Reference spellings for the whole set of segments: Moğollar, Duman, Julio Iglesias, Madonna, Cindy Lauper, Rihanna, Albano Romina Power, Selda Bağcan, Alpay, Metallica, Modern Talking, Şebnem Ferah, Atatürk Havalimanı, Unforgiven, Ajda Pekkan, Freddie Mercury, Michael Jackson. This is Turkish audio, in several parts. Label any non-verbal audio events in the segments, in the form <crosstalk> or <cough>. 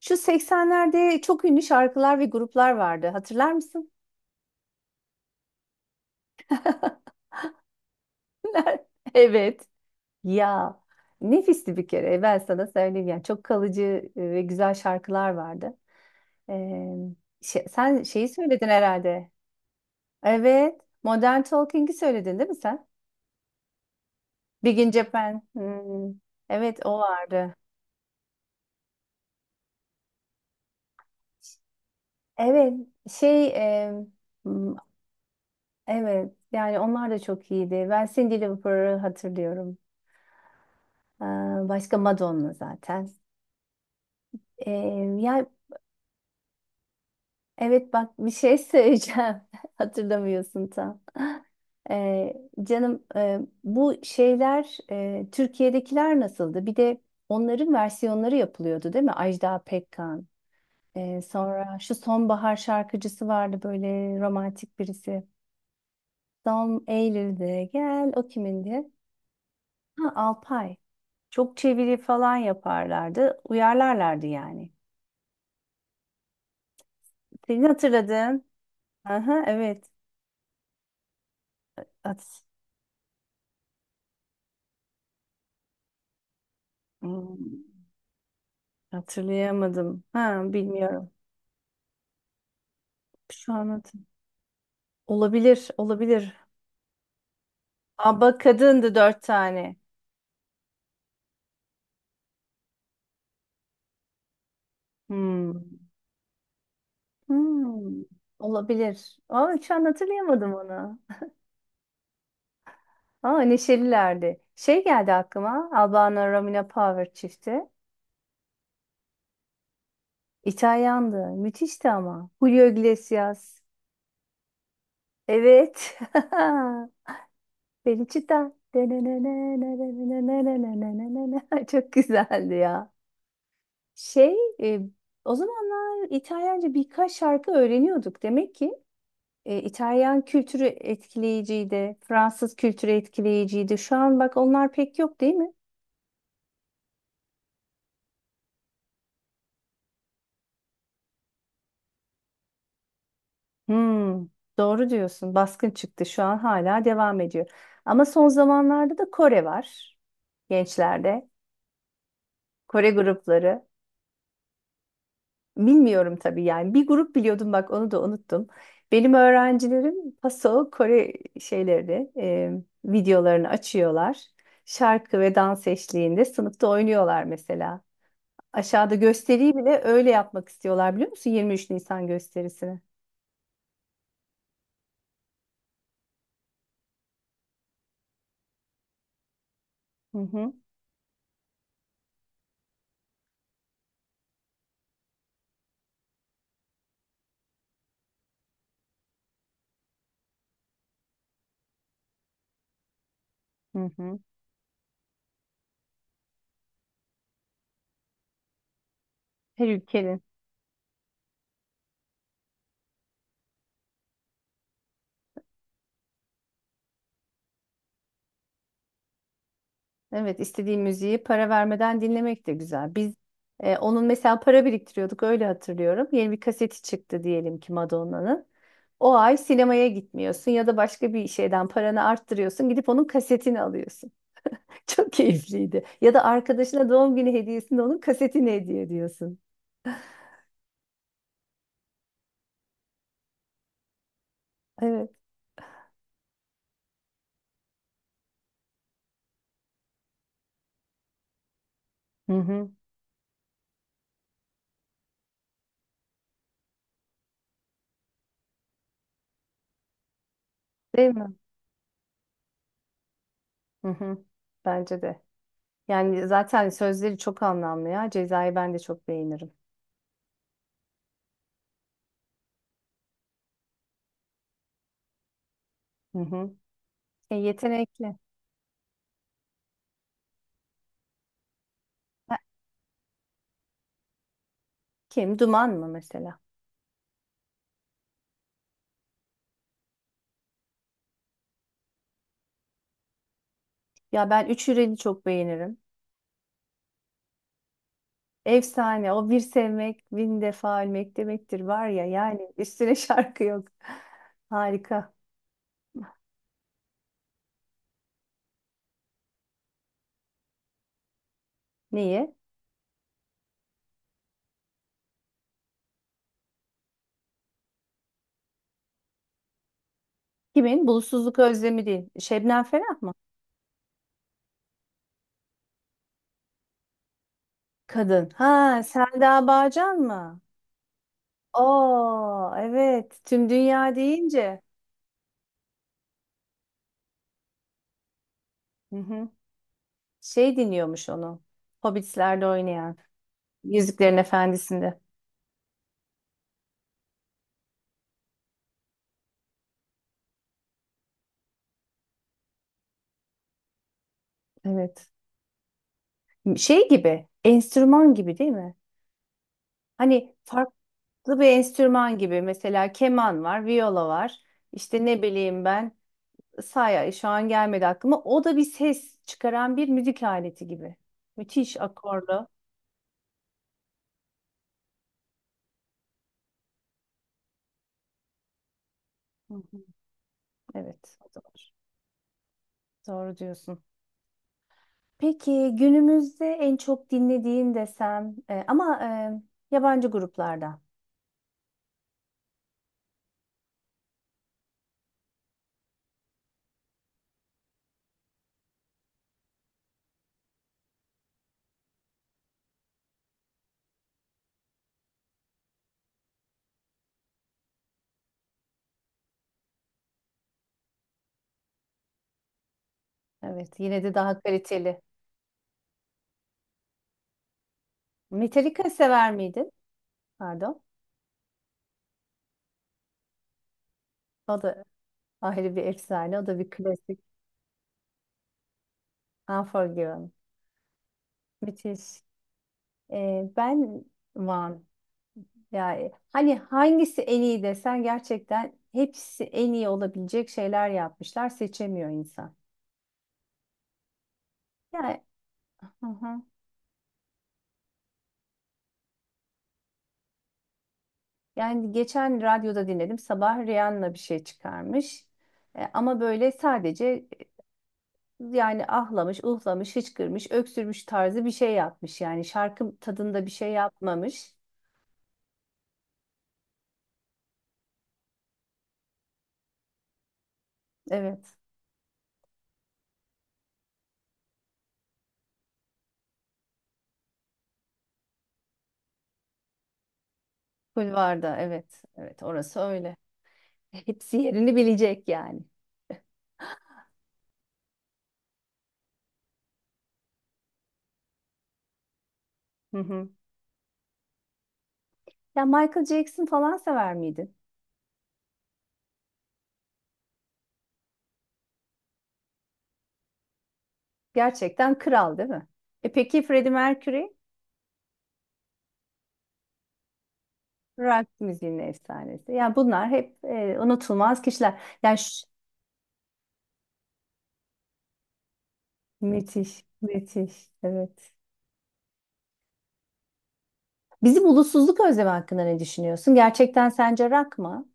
Şu 80'lerde çok ünlü şarkılar ve gruplar vardı. Hatırlar mısın? <laughs> Evet. Ya nefisti bir kere. Ben sana söyleyeyim yani çok kalıcı ve güzel şarkılar vardı. Ee, Sen şeyi söyledin herhalde. Evet. Modern Talking'i söyledin değil mi sen? Big in Japan. Hmm, evet o vardı. Evet. Şey e, hmm, evet yani onlar da çok iyiydi. Ben Cindy Lauper'ı hatırlıyorum. Ee, Başka Madonna zaten. Ee, ya evet bak bir şey söyleyeceğim. <laughs> Hatırlamıyorsun tam. Ee, canım, bu şeyler, Türkiye'dekiler nasıldı? Bir de onların versiyonları yapılıyordu değil mi? Ajda Pekkan. Sonra şu sonbahar şarkıcısı vardı, böyle romantik birisi. Son Eylül'de gel, o kimindi? Ha, Alpay. Çok çeviri falan yaparlardı. Uyarlarlardı yani. Senin hatırladığın. Aha, evet. At. Hmm. Hatırlayamadım. Ha, bilmiyorum. Şu an hatır- Olabilir, olabilir. Aba kadındı dört tane. Hmm. Hmm. Olabilir. Ama şu an hatırlayamadım onu. <laughs> Ama neşelilerdi. Şey geldi aklıma. Albano Romina Power çifti. İtalyandı. Müthişti ama. Julio Iglesias. Evet. <laughs> Felicita. <laughs> Çok güzeldi ya. Şey, e, o zamanlar İtalyanca birkaç şarkı öğreniyorduk. Demek ki İtalyan kültürü etkileyiciydi, Fransız kültürü etkileyiciydi. Şu an bak onlar pek yok değil mi? Hmm, doğru diyorsun. Baskın çıktı. Şu an hala devam ediyor. Ama son zamanlarda da Kore var gençlerde. Kore grupları. Bilmiyorum tabii yani. Bir grup biliyordum, bak onu da unuttum. Benim öğrencilerim Paso Kore şeylerini, videolarını açıyorlar. Şarkı ve dans eşliğinde sınıfta oynuyorlar mesela. Aşağıda gösteriyi bile öyle yapmak istiyorlar, biliyor musun? 23 Nisan gösterisini. Hı hı, hı hı. Her ülkenin. Evet, istediğim müziği para vermeden dinlemek de güzel. Biz, onun mesela para biriktiriyorduk, öyle hatırlıyorum. Yeni bir kaseti çıktı diyelim ki Madonna'nın. O ay sinemaya gitmiyorsun ya da başka bir şeyden paranı arttırıyorsun. Gidip onun kasetini alıyorsun. <laughs> Çok keyifliydi. Ya da arkadaşına doğum günü hediyesinde onun kasetini hediye ediyorsun. Evet. Hı hı. Değil mi? Hı hı. Bence de. Yani zaten sözleri çok anlamlı ya. Cezayı ben de çok beğenirim. Hı hı. E, yetenekli. Ha, kim? Duman mı mesela? Ya ben Üç Hürel'i çok beğenirim. Efsane. O bir sevmek, bin defa ölmek demektir var ya. Yani üstüne <laughs> şarkı yok. Harika. Niye? Kimin? Bulutsuzluk özlemi değil. Şebnem Ferah mı? Kadın. Ha, Selda Bağcan mı? Oo, evet. Tüm dünya deyince. Hı hı. Şey dinliyormuş onu. Hobbit'lerde oynayan. Yüzüklerin Efendisi'nde. Evet. Şey gibi. Enstrüman gibi değil mi? Hani farklı bir enstrüman gibi, mesela keman var, viyola var. İşte ne bileyim ben, saya şu an gelmedi aklıma. O da bir ses çıkaran bir müzik aleti gibi. Müthiş akorlu. Hı hı. Evet, o da var. Doğru diyorsun. Peki günümüzde en çok dinlediğin desem, ama yabancı gruplardan. Evet, yine de daha kaliteli. Metallica sever miydin? Pardon. O da ayrı bir efsane. O da bir klasik. Unforgiven. Müthiş. Ben Van. Yani hani hangisi en iyi desen, gerçekten hepsi en iyi olabilecek şeyler yapmışlar. Seçemiyor insan. Yani, hı hı. Yani geçen radyoda dinledim. Sabah Rihanna bir şey çıkarmış. E, ama böyle sadece, yani ahlamış, uhlamış, hıçkırmış, öksürmüş tarzı bir şey yapmış. Yani şarkı tadında bir şey yapmamış. Evet. Kulvarda evet. Evet orası öyle. Hepsi yerini bilecek yani. Hı hı. Ya Michael Jackson falan sever miydin? Gerçekten kral değil mi? E peki Freddie Mercury? Rock müziğinin efsanesi. Yani bunlar hep unutulmaz kişiler. Müthiş, müthiş. Evet. Bizim ulusuzluk özlemi hakkında ne düşünüyorsun? Gerçekten sence rock mı?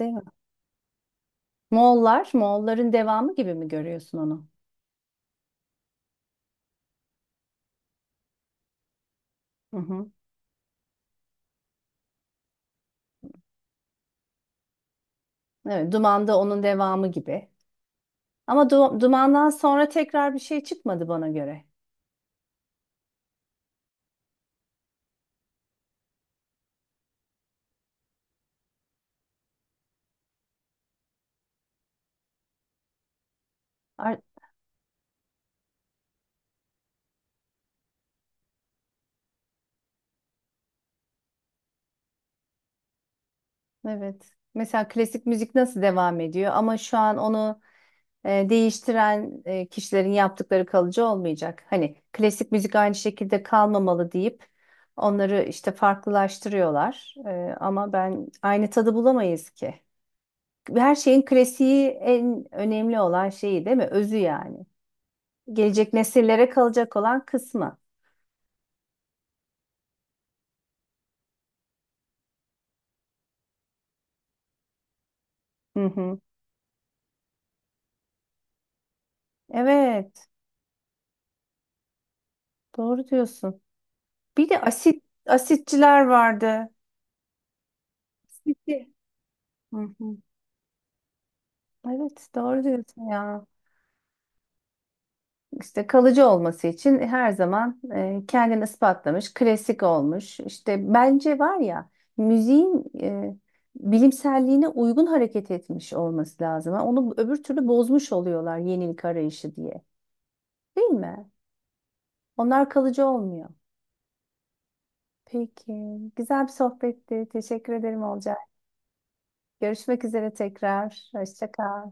Değil mi? Moğollar, Moğolların devamı gibi mi görüyorsun onu? Hı hı. Evet, Duman'da onun devamı gibi. Ama Duman'dan sonra tekrar bir şey çıkmadı bana göre. Ar- Evet. Mesela klasik müzik nasıl devam ediyor, ama şu an onu değiştiren kişilerin yaptıkları kalıcı olmayacak. Hani klasik müzik aynı şekilde kalmamalı deyip onları işte farklılaştırıyorlar. E, ama ben aynı tadı bulamayız ki. Her şeyin klasiği en önemli olan şeyi değil mi? Özü yani. Gelecek nesillere kalacak olan kısmı. Hı hı. Evet, doğru diyorsun. Bir de asit asitçiler vardı. Asitçi. Hı hı. Evet doğru diyorsun ya. İşte kalıcı olması için her zaman kendini ispatlamış, klasik olmuş. İşte bence var ya, müziğin bilimselliğine uygun hareket etmiş olması lazım. Ha, onu öbür türlü bozmuş oluyorlar yenilik arayışı diye. Değil mi? Onlar kalıcı olmuyor. Peki, güzel bir sohbetti. Teşekkür ederim Olcay. Görüşmek üzere tekrar. Hoşça kal.